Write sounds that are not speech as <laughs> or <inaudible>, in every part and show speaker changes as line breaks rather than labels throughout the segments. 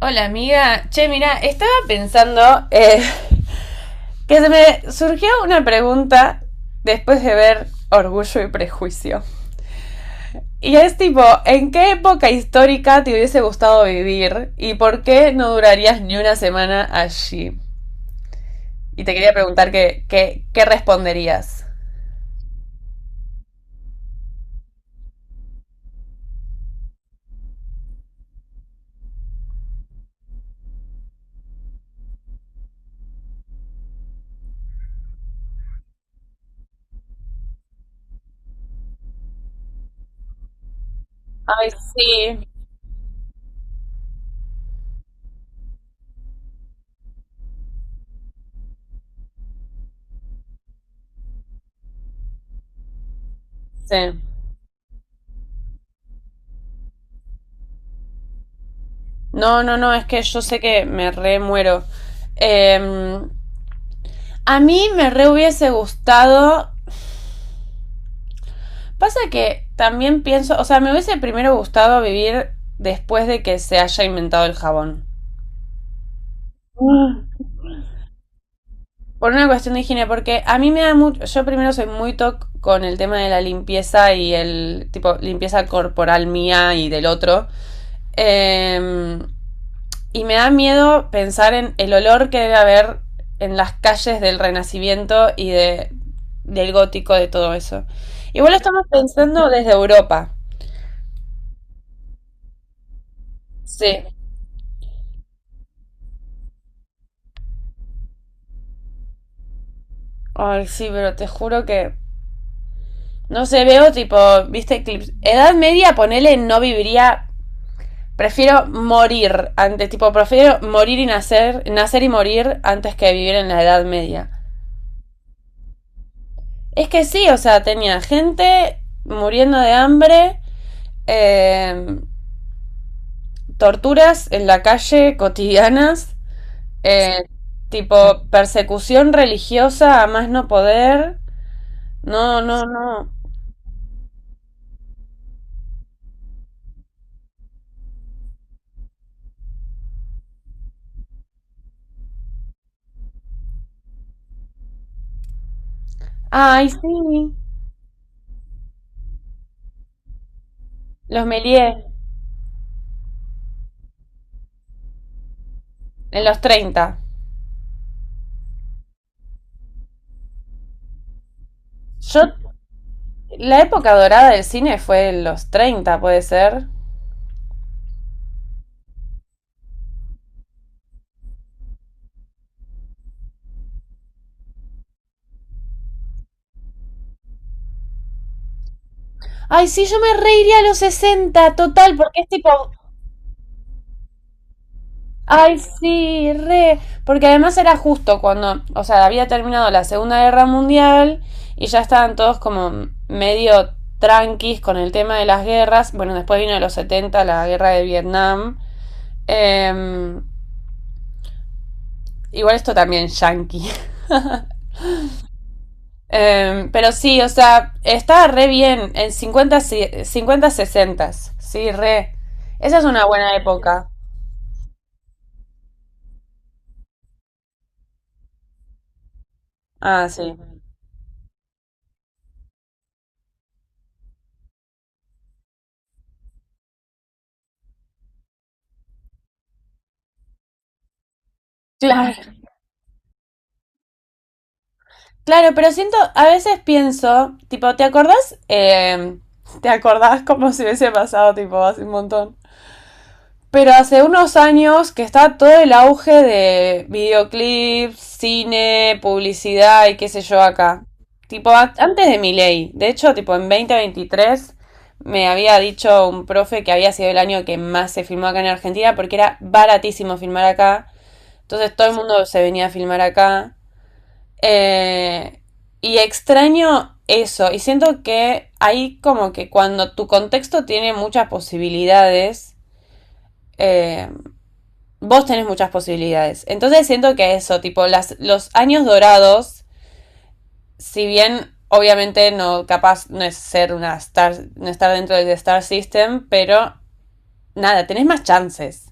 Hola amiga, che, mira, estaba pensando que se me surgió una pregunta después de ver Orgullo y Prejuicio. Y es tipo, ¿en qué época histórica te hubiese gustado vivir y por qué no durarías ni una semana allí? Y te quería preguntar qué responderías. Ay, sí, sí. No, no, no, es que yo sé que me re muero. Em, a mí me re hubiese gustado. Pasa que también pienso, o sea, me hubiese primero gustado vivir después de que se haya inventado el jabón. Por una cuestión de higiene, porque a mí me da mucho, yo primero soy muy toc con el tema de la limpieza y el tipo limpieza corporal mía y del otro. Eh, y me da miedo pensar en el olor que debe haber en las calles del Renacimiento del gótico, de todo eso. Igual lo estamos pensando desde Europa. Sí. Ay, sí, pero te juro que. No sé, veo tipo, viste clips. Edad media, ponele, no viviría. Prefiero morir antes, tipo, prefiero morir y nacer, nacer y morir antes que vivir en la Edad Media. Es que sí, o sea, tenía gente muriendo de hambre, eh, torturas en la calle cotidianas, eh, tipo persecución religiosa a más no poder. No, no, no. Ay, sí, los Méliès. En los 30. Yo, la época dorada del cine fue en los 30, puede ser. Ay, sí, yo me reiría a los 60, total, porque es tipo. Ay, sí, re. Porque además era justo cuando. O sea, había terminado la Segunda Guerra Mundial y ya estaban todos como medio tranquis con el tema de las guerras. Bueno, después vino de los 70, la guerra de Vietnam. Em, Igual esto también yankee. Pero sí, o sea, estaba re bien en cincuenta si, 50 50, sí, re. Esa es una buena época. Ah, sí. Claro. Claro, pero siento, a veces pienso, tipo, ¿te acordás? ¿Te acordás como si hubiese pasado, tipo, hace un montón? Pero hace unos años que está todo el auge de videoclips, cine, publicidad y qué sé yo acá. Tipo, antes de mi ley. De hecho, tipo, en 2023 me había dicho un profe que había sido el año que más se filmó acá en Argentina porque era baratísimo filmar acá. Entonces todo el mundo se venía a filmar acá. Eh, y extraño eso. Y siento que ahí como que cuando tu contexto tiene muchas posibilidades, eh, vos tenés muchas posibilidades. Entonces siento que eso, tipo, las, los años dorados, si bien obviamente no, capaz no es ser una star, no estar dentro del Star System, pero nada, tenés más chances.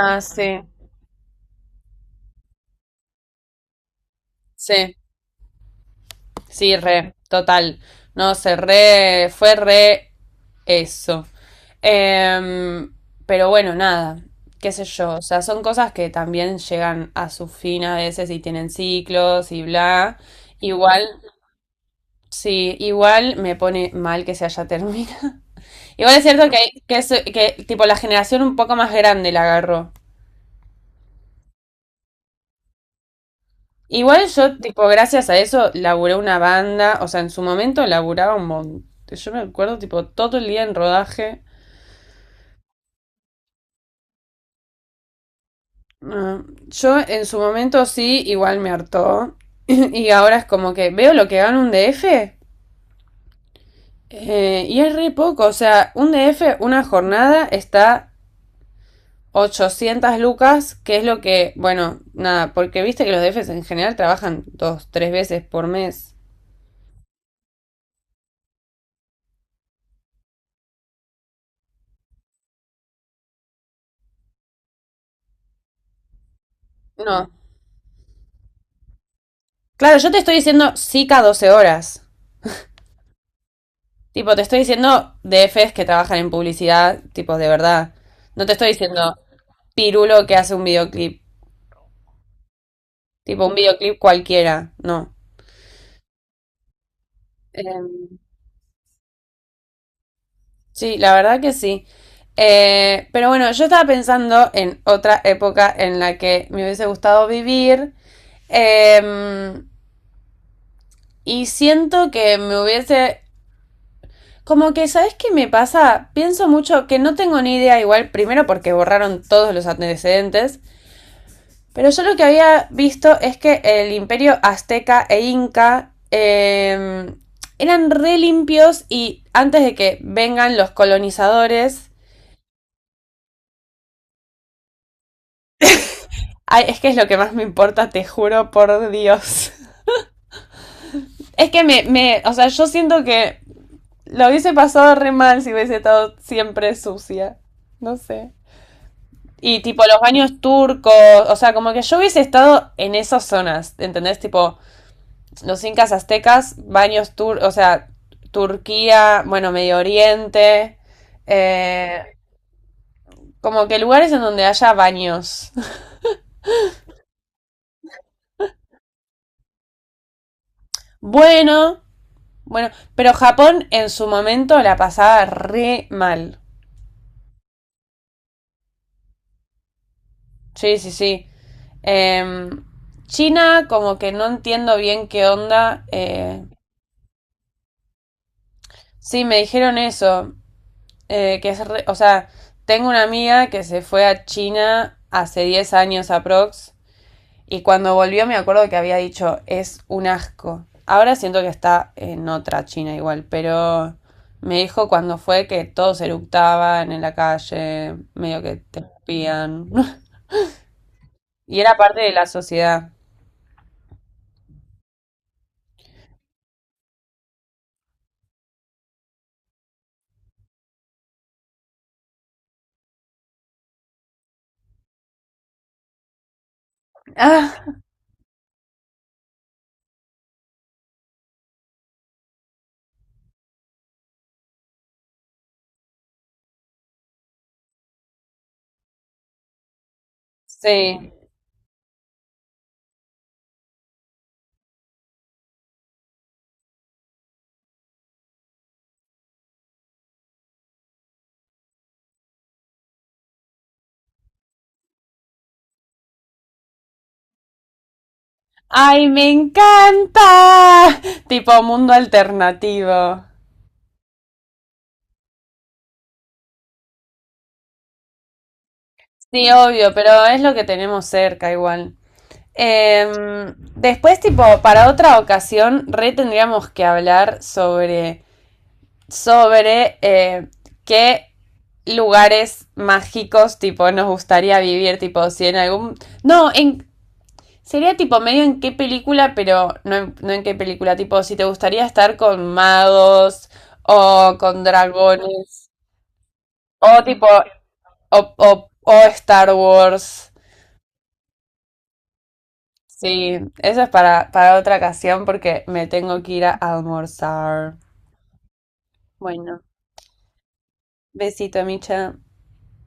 Ah, sí. Sí, sí, re, total. No sé, re, fue re eso. Em, pero bueno, nada, qué sé yo, o sea, son cosas que también llegan a su fin a veces y tienen ciclos y bla. Igual, sí, igual me pone mal que se haya terminado. <laughs> Igual es cierto que, que tipo la generación un poco más grande la agarró. Igual yo, tipo, gracias a eso, laburé una banda, o sea, en su momento laburaba un montón. Yo me acuerdo, tipo, todo el día en rodaje. Ah, yo en su momento sí, igual me hartó. <clears throat> <laughs> Y ahora es como que veo lo que gana un DF, y es re poco, o sea, un DF, una jornada está 800 lucas, que es lo que, bueno, nada, porque viste que los DFs en general trabajan dos, tres veces por mes. No. Claro, yo te estoy diciendo SICA 12 horas. Tipo, te estoy diciendo DFs que trabajan en publicidad, tipo, de verdad. No te estoy diciendo pirulo que hace un videoclip. Tipo, un videoclip cualquiera. No. Em, sí, la verdad que sí. Pero bueno, yo estaba pensando en otra época en la que me hubiese gustado vivir. Em, Y siento que me hubiese... Como que, ¿sabes qué me pasa? Pienso mucho que no tengo ni idea igual, primero porque borraron todos los antecedentes, pero yo lo que había visto es que el imperio azteca e inca eran re limpios y antes de que vengan los colonizadores, ay, es que es lo que más me importa, te juro por Dios. <laughs> Es que o sea, yo siento que lo hubiese pasado re mal si hubiese estado siempre sucia. No sé. Y tipo los baños turcos, o sea, como que yo hubiese estado en esas zonas, ¿entendés? Tipo los incas aztecas, baños turcos, o sea, Turquía, bueno, Medio Oriente, eh, como que lugares en donde haya baños. <laughs> Bueno, bueno, pero Japón en su momento la pasaba re mal. Sí, sí, sí. Em, China, como que no entiendo bien qué onda. Sí, me dijeron eso. Que O sea, tengo una amiga que se fue a China hace 10 años aprox y cuando volvió me acuerdo que había dicho, es un asco. Ahora siento que está en otra China igual, pero me dijo cuando fue que todos eructaban en la calle, medio que te espían. <laughs> Y era parte de la sociedad. Ah, sí. ¡Ay, me encanta! Tipo mundo alternativo. Sí, obvio, pero es lo que tenemos cerca igual. Después, tipo, para otra ocasión, re tendríamos que hablar sobre, sobre eh, qué lugares mágicos, tipo, nos gustaría vivir, tipo, si en algún... No, en... Sería tipo medio en qué película, pero no en, no en qué película, tipo, si te gustaría estar con magos o con dragones o tipo, o Star Wars. Sí, eso es para otra ocasión porque me tengo que ir a almorzar. Bueno, besito, Micha.